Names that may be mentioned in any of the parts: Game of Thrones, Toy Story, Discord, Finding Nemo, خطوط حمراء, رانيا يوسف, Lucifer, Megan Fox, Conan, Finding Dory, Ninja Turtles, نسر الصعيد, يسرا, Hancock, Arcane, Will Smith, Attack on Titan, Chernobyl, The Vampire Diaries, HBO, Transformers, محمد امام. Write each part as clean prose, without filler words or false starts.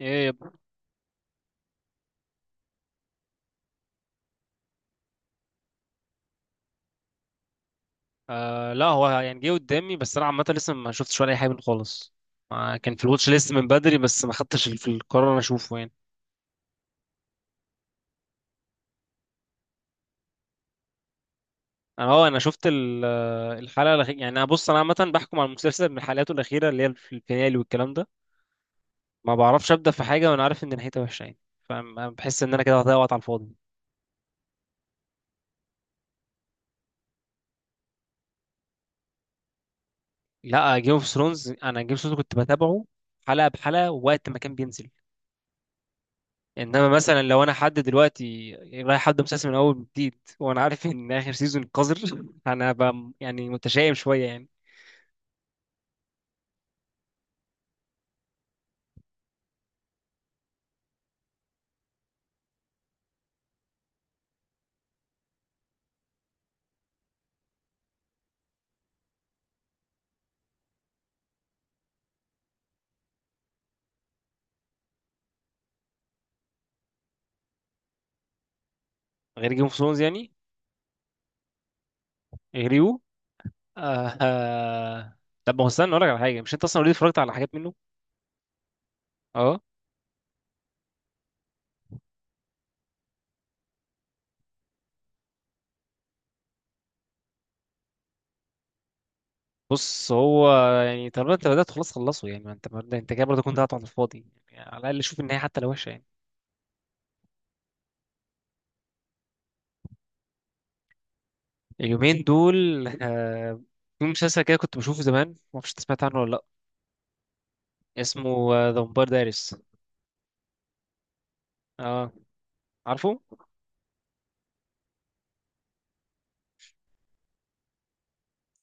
ايه يب- آه، لا هو يعني جه قدامي، بس انا عامه لسه ما شفتش ولا اي حاجه منه خالص. آه، كان في الواتش ليست من بدري بس ما خدتش في القرار انا اشوفه يعني. انا شفت الحلقه الاخيره، يعني انا بص انا عامه بحكم على المسلسل من حلقاته الاخيره اللي هي في الفينالي والكلام ده. ما بعرفش ابدا في حاجه وانا عارف ان نهايتها وحشه يعني، فبحس ان انا كده هضيع وقت على الفاضي. لا، جيم اوف ثرونز انا جيم اوف ثرونز كنت بتابعه حلقه بحلقه وقت ما كان بينزل. انما مثلا لو انا حد دلوقتي رايح حد مسلسل من اول جديد، وانا عارف ان اخر سيزون قذر، انا هبقى يعني متشائم شويه يعني. غير جيم اوف ثرونز يعني، غير يو. آه آه. طب ما هو استنى اقول لك على حاجه، مش انت اصلا اوريدي اتفرجت على حاجات منه؟ اه. بص هو يعني طالما انت بدات خلاص خلصه يعني، ما انت برضه انت كده برضه كنت قاعد على الفاضي، يعني على الاقل شوف النهايه حتى لو وحشه يعني. اليومين دول آه، في مسلسل كده كنت بشوفه زمان، ما اعرفش انت سمعت عنه ولا لا. اسمه ذا فامباير دايريس. اه عارفه.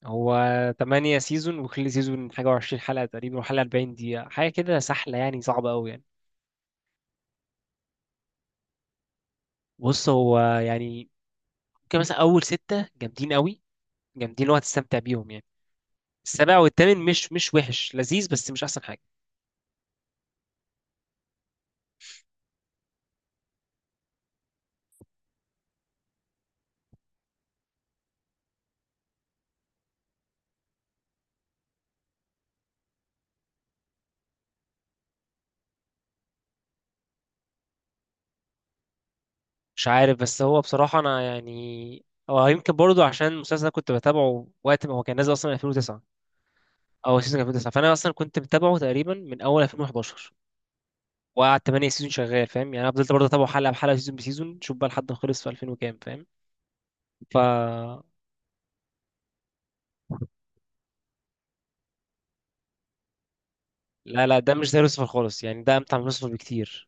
هو تمانية سيزون، وكل سيزون حاجة وعشرين حلقة تقريبا، وحلقة أربعين دقيقة حاجة كده، سحلة يعني، صعبة أوي يعني. بص هو يعني ممكن مثلا أول ستة جامدين أوي، جامدين اللي هو هتستمتع بيهم يعني. السابع والثامن مش وحش، لذيذ بس مش أحسن حاجة. مش عارف، بس هو بصراحة أنا يعني هو يمكن برضه عشان المسلسل ده كنت بتابعه وقت ما هو كان نازل أصلا 2009، أو سيزون 2009. فأنا أصلا كنت متابعه تقريبا من أول 2011، وقعد 8 سيزون شغال فاهم يعني. أنا فضلت برضه أتابعه حلقة بحلقة سيزون بسيزون، شوف بقى لحد ما خلص في 2000 وكام فاهم. ف لا لا، ده مش زي لوسيفر خالص يعني، ده امتع من لوسيفر بكتير.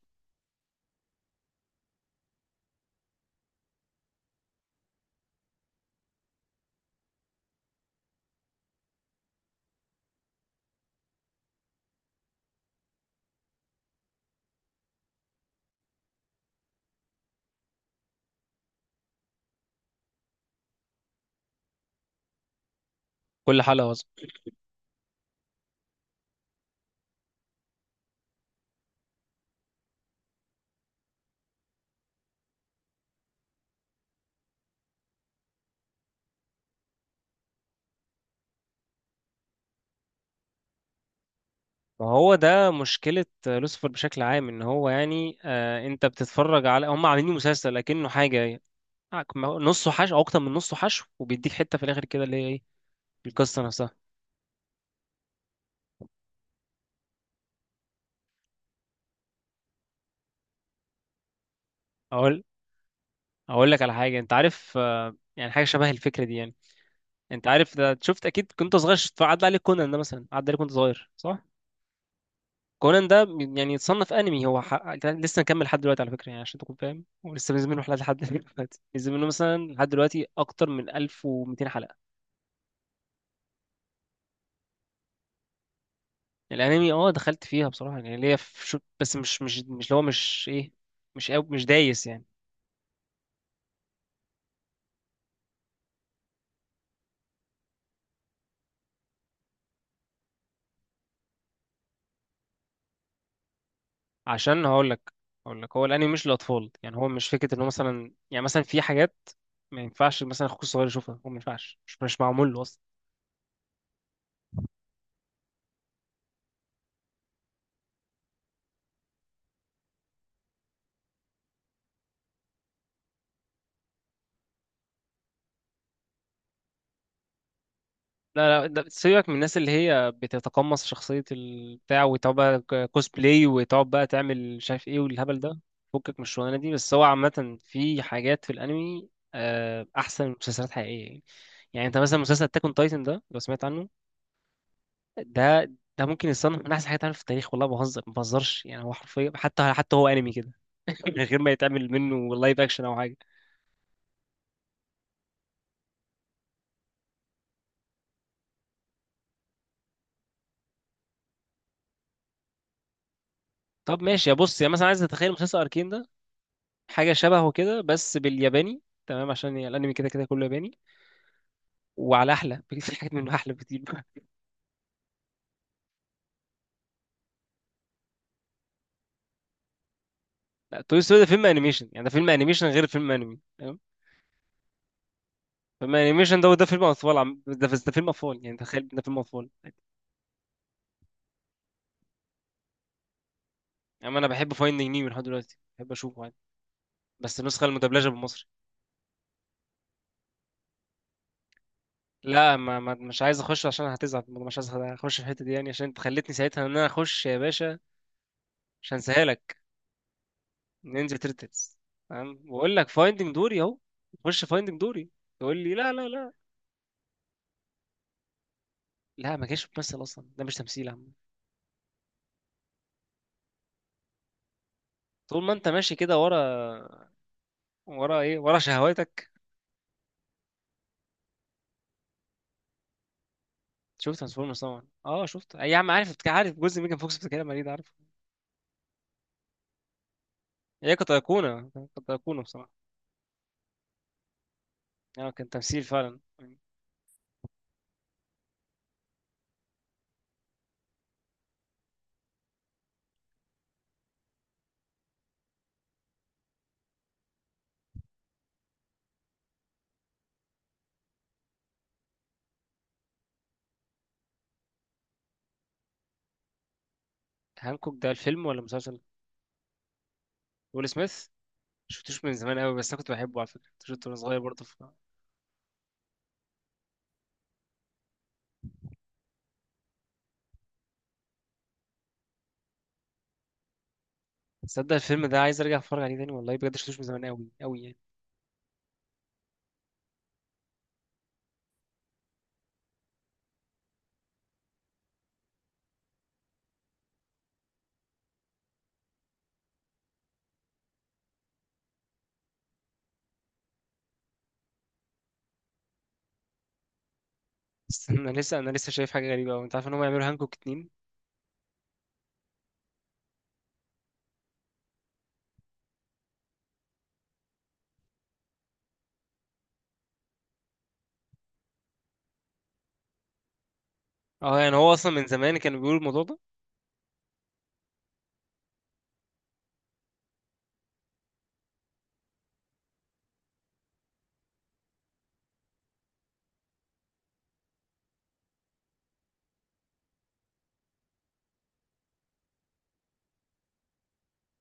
كل حلقة أظلم. ما هو ده مشكلة لوسيفر بشكل عام، ان هو يعني، آه، انت بتتفرج على هم عاملين مسلسل لكنه حاجة، نصه حشو او اكتر من نصه حشو، وبيديك حتة في الاخر كده اللي هي ايه؟ القصة نفسها. اقول اقول لك على حاجة، انت عارف آه يعني حاجة شبه الفكرة دي يعني. انت عارف ده شفت اكيد كنت صغير، شفت عدى عليك كونان ده مثلا، عدى عليك كنت صغير صح؟ كونان ده يعني يتصنف انمي، لسه مكمل لحد دلوقتي على فكره، يعني عشان تكون فاهم، ولسه بينزل منه حلقات لحد دلوقتي، بينزل منه مثلا لحد دلوقتي اكتر من 1200 حلقه. الانمي اه دخلت فيها بصراحه يعني، ليا في بس مش اللي هو مش ايه، مش دايس يعني. عشان هقول لك، هو الانمي مش للاطفال يعني، هو مش فكره انه مثلا يعني مثلا في حاجات ما ينفعش مثلا اخوك الصغير يشوفها، هو ما ينفعش مش معمول له اصلا. لا لا، ده سيبك من الناس اللي هي بتتقمص شخصية البتاع وتقعد بقى كوسبلاي، وتقعد بقى تعمل مش عارف ايه والهبل ده. فكك من الشغلانة دي، بس هو عامة في حاجات في الأنمي، آه، أحسن من مسلسلات حقيقية يعني. يعني أنت مثلا مسلسل أتاك أون تايتن ده لو سمعت عنه، ده ده ممكن يصنف من أحسن حاجات اتعملت في التاريخ، والله ما بهزرش يعني. هو حرفيا حتى هو أنمي كده من غير ما يتعمل منه لايف أكشن أو حاجة. طب ماشي يا بص يا مثلا، عايز تتخيل مسلسل أركين ده حاجة شبهه كده بس بالياباني، تمام؟ عشان الانمي كده كله ياباني، وعلى احلى بكتير، في حاجات منه احلى بكتير بقى. لا، توي ستوري ده فيلم انيميشن، يعني ده فيلم انيميشن غير فيلم انمي، تمام؟ فيلم انيميشن ده، وده فيلم اطفال، ده فيلم اطفال، يعني تخيل ده فيلم اطفال. يعني انا بحب فايندينج نيمو لحد دلوقتي، بحب اشوفه عادي، بس النسخة المدبلجة بالمصري. لا ما... ما... مش عايز اخش عشان هتزعل، مش عايز اخش في الحتة دي يعني، عشان انت خلتني ساعتها ان انا اخش يا باشا. مش هنساهالك. نينجا تيرتلز. تمام، بقول لك فايندينج دوري اهو، خش فايندينج دوري، تقول لي لا لا لا. لا، ما كانش بتمثل اصلا، ده مش تمثيل يا عم. طول ما انت ماشي كده ورا، ورا ايه؟ ورا شهواتك. شفت ترانسفورمرز طبعا، اه شفت، اي عم، عارف عارف جزء ميجان فوكس بتتكلم عليه ده، عارف. هي كانت ايقونه، كانت ايقونه بصراحه، يعني كان تمثيل فعلا. هانكوك ده الفيلم ولا مسلسل؟ ويل سميث، شفتوش من زمان قوي، بس انا كنت بحبه على فكره، كنت شفته وانا صغير برضه. تصدق الفيلم ده عايز ارجع اتفرج عليه تاني والله بجد، شفتوش من زمان قوي قوي يعني. استنى، انا لسه شايف حاجه غريبه قوي، انت عارف ان هم يعملوا هانكوك اتنين؟ اه يعني هو اصلا من زمان كانوا بيقولوا الموضوع ده.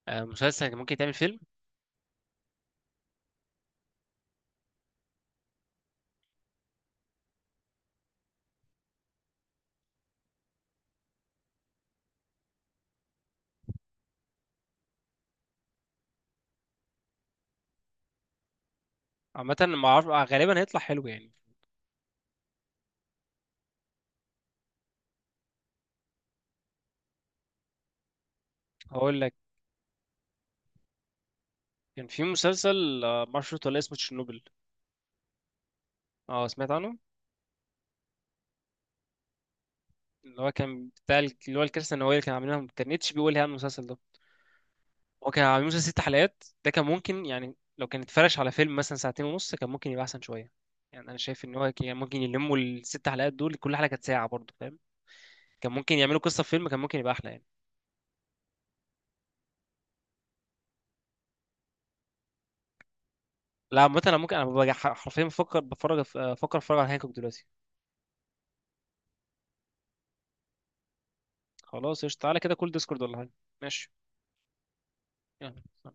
آه، مسلسل كان ممكن يتعمل فيلم. عامه ما اعرف، آه، غالبا هيطلع حلو يعني. هقول لك، كان في مسلسل، آه، ما اعرفش شفته ولا، اسمه تشيرنوبل. اه سمعت عنه. اللي هو كان بتاع اللي هو الكارثه النوويه اللي كان عاملينها، كان اتش بي هو اللي عامل المسلسل ده. هو كان عامل مسلسل ست حلقات، ده كان ممكن يعني لو كان اتفرش على فيلم مثلا ساعتين ونص كان ممكن يبقى احسن شويه. يعني انا شايف ان هو كان ممكن يلموا الست حلقات دول، كل حلقه كانت ساعه برضه فاهم. كان ممكن يعملوا قصه في فيلم كان ممكن يبقى احلى يعني. لا عامة انا ممكن انا ببقى حرفيا بفكر بفرج، آه، بفكر اتفرج على هانكوك دلوقتي. خلاص قشطة، تعالى كده كل ديسكورد ولا حاجة. ماشي، يلا.